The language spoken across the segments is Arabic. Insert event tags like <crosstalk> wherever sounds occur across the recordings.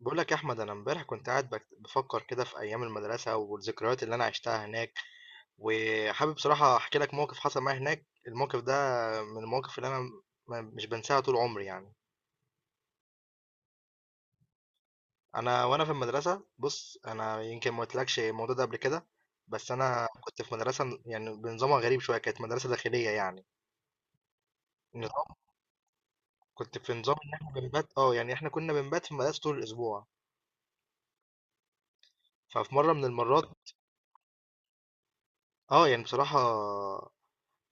بقول لك يا احمد، انا امبارح كنت قاعد بفكر كده في ايام المدرسه والذكريات اللي انا عشتها هناك. وحابب بصراحه احكي لك موقف حصل معايا هناك. الموقف ده من المواقف اللي انا مش بنساها طول عمري يعني. انا وانا في المدرسه، بص، انا يمكن ما قلتلكش الموضوع ده قبل كده. بس انا كنت في مدرسه يعني بنظامها غريب شويه، كانت مدرسه داخليه يعني. النظام، كنت في نظام ان احنا بنبات، يعني احنا كنا بنبات في المدرسه طول الاسبوع. ففي مره من المرات، اه يعني بصراحه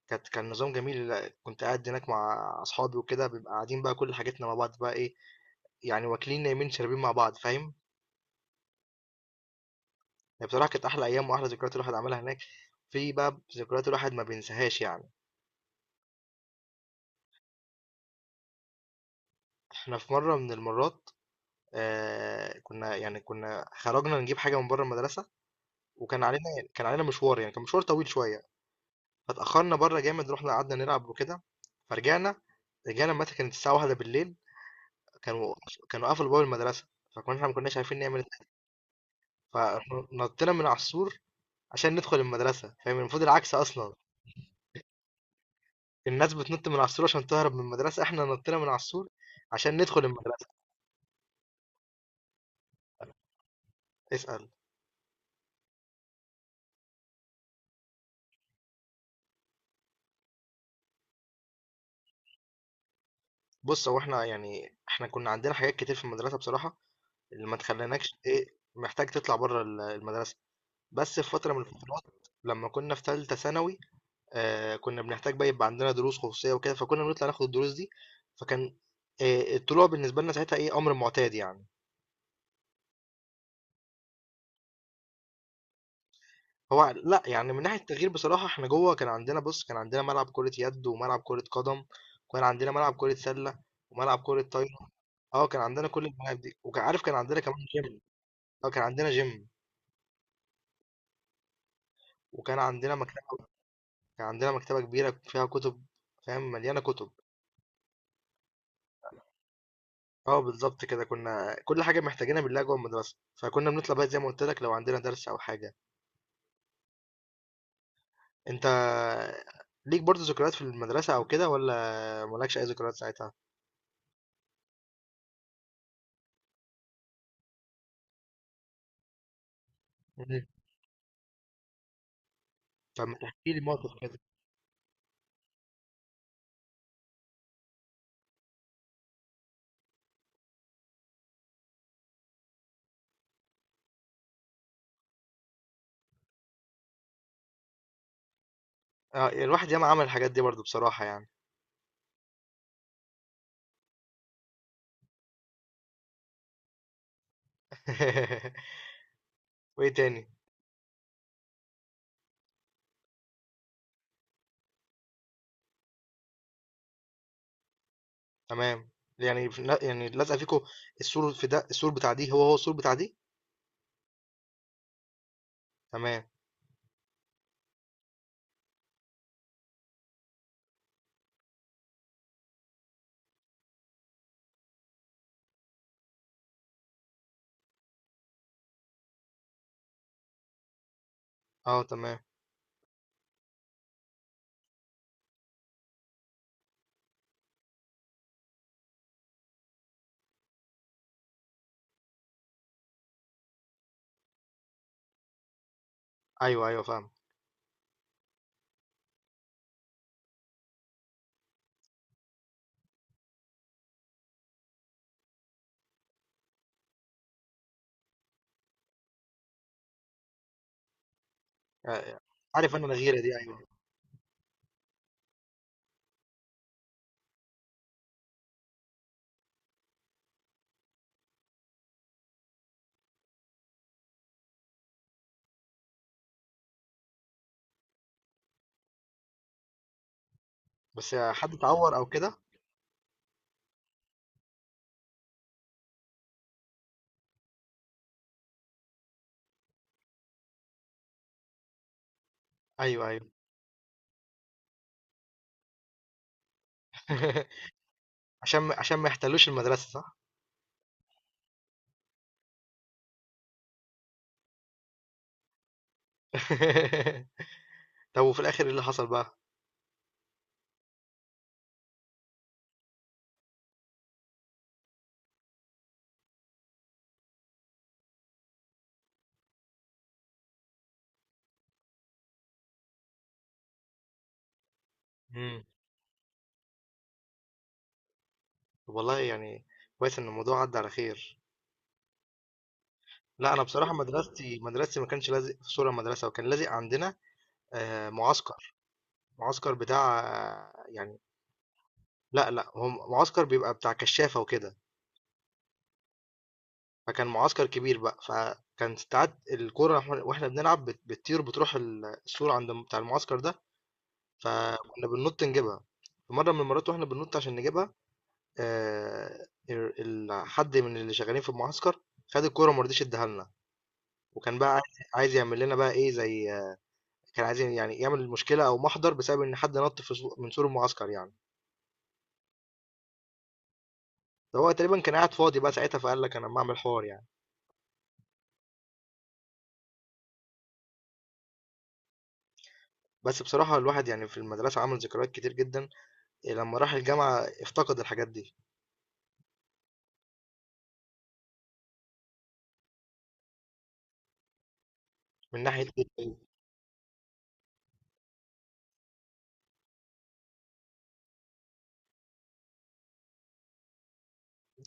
كان نظام جميل. كنت قاعد هناك مع اصحابي وكده، بنبقى قاعدين بقى كل حاجتنا مع بعض، بقى ايه يعني، واكلين نايمين شاربين مع بعض، فاهم؟ يعني بصراحه كانت احلى ايام واحلى ذكريات الواحد عملها هناك. في بقى ذكريات الواحد ما بينساهاش يعني. احنا في مره من المرات، كنا خرجنا نجيب حاجه من بره المدرسه، وكان علينا مشوار، يعني كان مشوار طويل شويه. فتاخرنا بره جامد، رحنا قعدنا نلعب وكده، فرجعنا متى كانت الساعه واحدة بالليل. كانوا كانوا قفلوا باب المدرسه، فكنا احنا ما كناش عارفين نعمل. فنطينا من على السور عشان ندخل المدرسة. فاهم؟ المفروض العكس أصلا. الناس بتنط من على السور عشان تهرب من المدرسة، احنا نطينا من على السور عشان ندخل المدرسة. اسأل. بص، هو احنا كنا عندنا حاجات كتير في المدرسة بصراحة، اللي ما تخليناكش ايه، محتاج تطلع بره المدرسة. بس في فترة من الفترات، لما كنا في ثالثة ثانوي، كنا بنحتاج بقى يبقى عندنا دروس خصوصية وكده، فكنا بنطلع ناخد الدروس دي. فكان، الطلوع بالنسبة لنا ساعتها ايه، أمر معتاد يعني. هو لأ، يعني من ناحية التغيير بصراحة، إحنا جوّه كان عندنا ملعب كرة يد، وملعب كرة قدم، وكان عندنا ملعب كرة سلّة، وملعب كرة طايرة، كان عندنا كل الملاعب دي، وكان عارف كان عندنا كمان gym. كان عندنا gym، وكان عندنا مكتبة. كان عندنا مكتبة كبيرة فيها كُتب، فاهم، مليانة كُتب. بالضبط كده، كنا كل حاجة محتاجينها بنلاقيها جوّه المدرسة، فكنا بنطلع بقى زي ما قُلت لك لو عندنا درس أو حاجة. أنت ليك برضه ذكريات في المدرسة أو كده، والّا ما لكش أي ذكريات ساعتها؟ إمم. طَب ما تحكِ لي موقف كده. الواحد ياما عمل الحاجات دي برضو، بصراحة يعني. <laughs> وايه تاني؟ تمام. يعني يعني لازقة فيكو. السور في ده السور بتاع دي هو السور بتاع دي. تمام. اه، تمام. ايوه، ايوه، فاهم. آه، عارف انا الغيرة دي، ايوه. بس حد اتعور او كده؟ ايوه، ايوه. <laughs> عشان ما يحتلوش المدرسة، صح؟ <laughs> طب وفي الاخر ايه اللي حصل بقى؟ امم والله يعني، كويس ان الموضوع عدى على خير. لا انا بصراحة، مدرستي ما كانش لازق في سور المدرسة، وكان لازق عندنا آه، معسكر معسكر بتاع يعني... لا لا، هو معسكر بيبقى بتاع كشافة وكده. فكان معسكر كبير بقى، فكان ساعات الكورة وإحنا بنلعب، بتطير، بتروح السور عند بتاع المعسكر ده، فكنا بننط نجيبها. في مرة من المرات واحنا بننط عشان نجيبها، آه، ال- حد من اللي شغالين في المعسكر خد الكورة ومرضيش اداها لنا. وكان بقى عايز يعمل لنا بقى ايه، زي، كان عايز يعمل مشكلة او محضر بسبب ان حد نط في من سور المعسكر يعني. ده هو تقريبا كان قاعد فاضي بقى ساعتها، فقال لك انا ما اعمل حوار يعني. بس بصراحة الواحد يعني في المدرسة عمل ذكريات كتير جدا. لما راح الجامعة افتقد الحاجات دي. من ناحية إيه.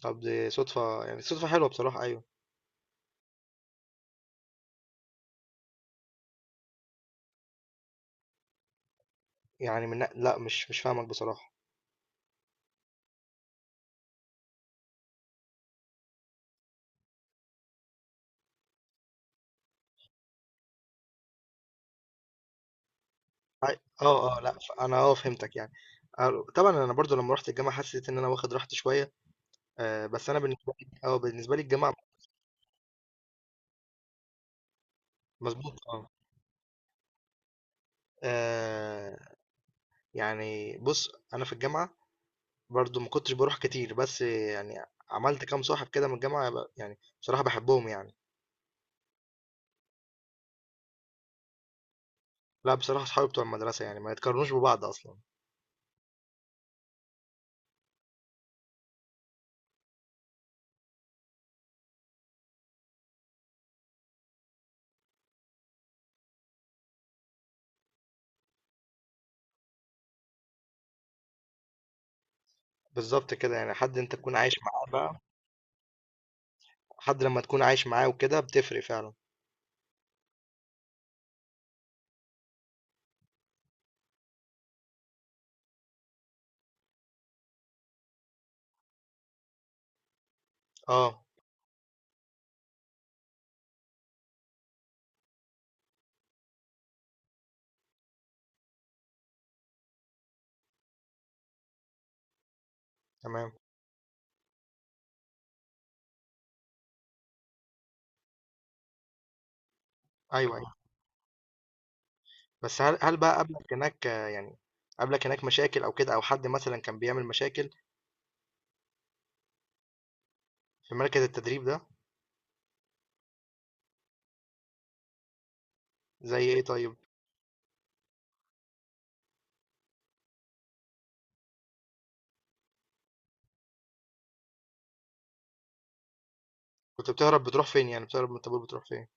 طب دي صدفة حلوة بصراحة، أيوة. يعني لا، مش فاهمك بصراحة. أي- اه، اه، لا، انا فهمتك يعني. طبعا انا برضو لما رحت الجامعة حسيت ان انا واخد راحتي شوية. بس انا بالنسبة لي الجامعة... مظبوط، اه. آه، يعني بص، انا في الجامعة برضو ما كنتش بروح كتير، بس يعني عملت كام صاحب كده من الجامعة، يعني بصراحة بحبهم يعني. لا بصراحة، صحابي بتوع المدرسة يعني ما يتقارنوش ببعض أصلا. بالظبط كده، يعني حد أنت تكون عايش معاه بقى. حد لما تكون عايش معاه وكده بتفرق فعلا. اه، تمام. أيوه، أيوه. بس هل بقى قابلك هناك، يعني قابلك هناك مشاكل أو كده، أو حد مثلا كان بيعمل مشاكل في مركز التدريب ده؟ زي إيه طيب؟ كنت بتهرب بتروح فين، يعني بتهرب من الطابور بتروح فين؟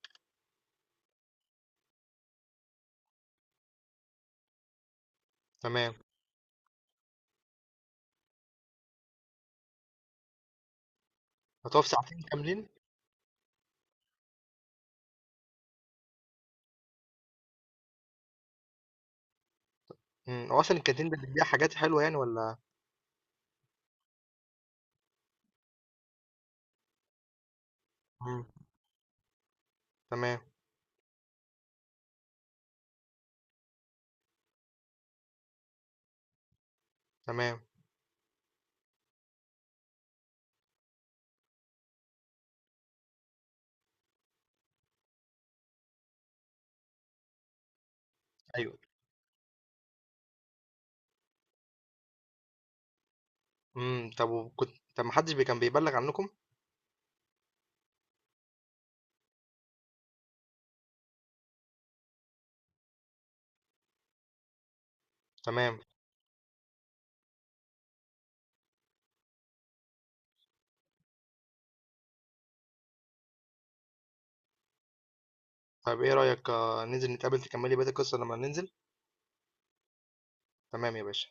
تمام. هتقف ساعتين كاملين؟ هو أصلا الكانتين ده بيبيع حاجات حلوة يعني، ولا؟ امم، تمام. تمام. أيوه. طب وكنت، طب محدش كان بيبلغ عنكم؟ تمام. طب ايه رأيك، ننزل نتقابل تكملي بقية القصة لما ننزل؟ تمام يا باشا.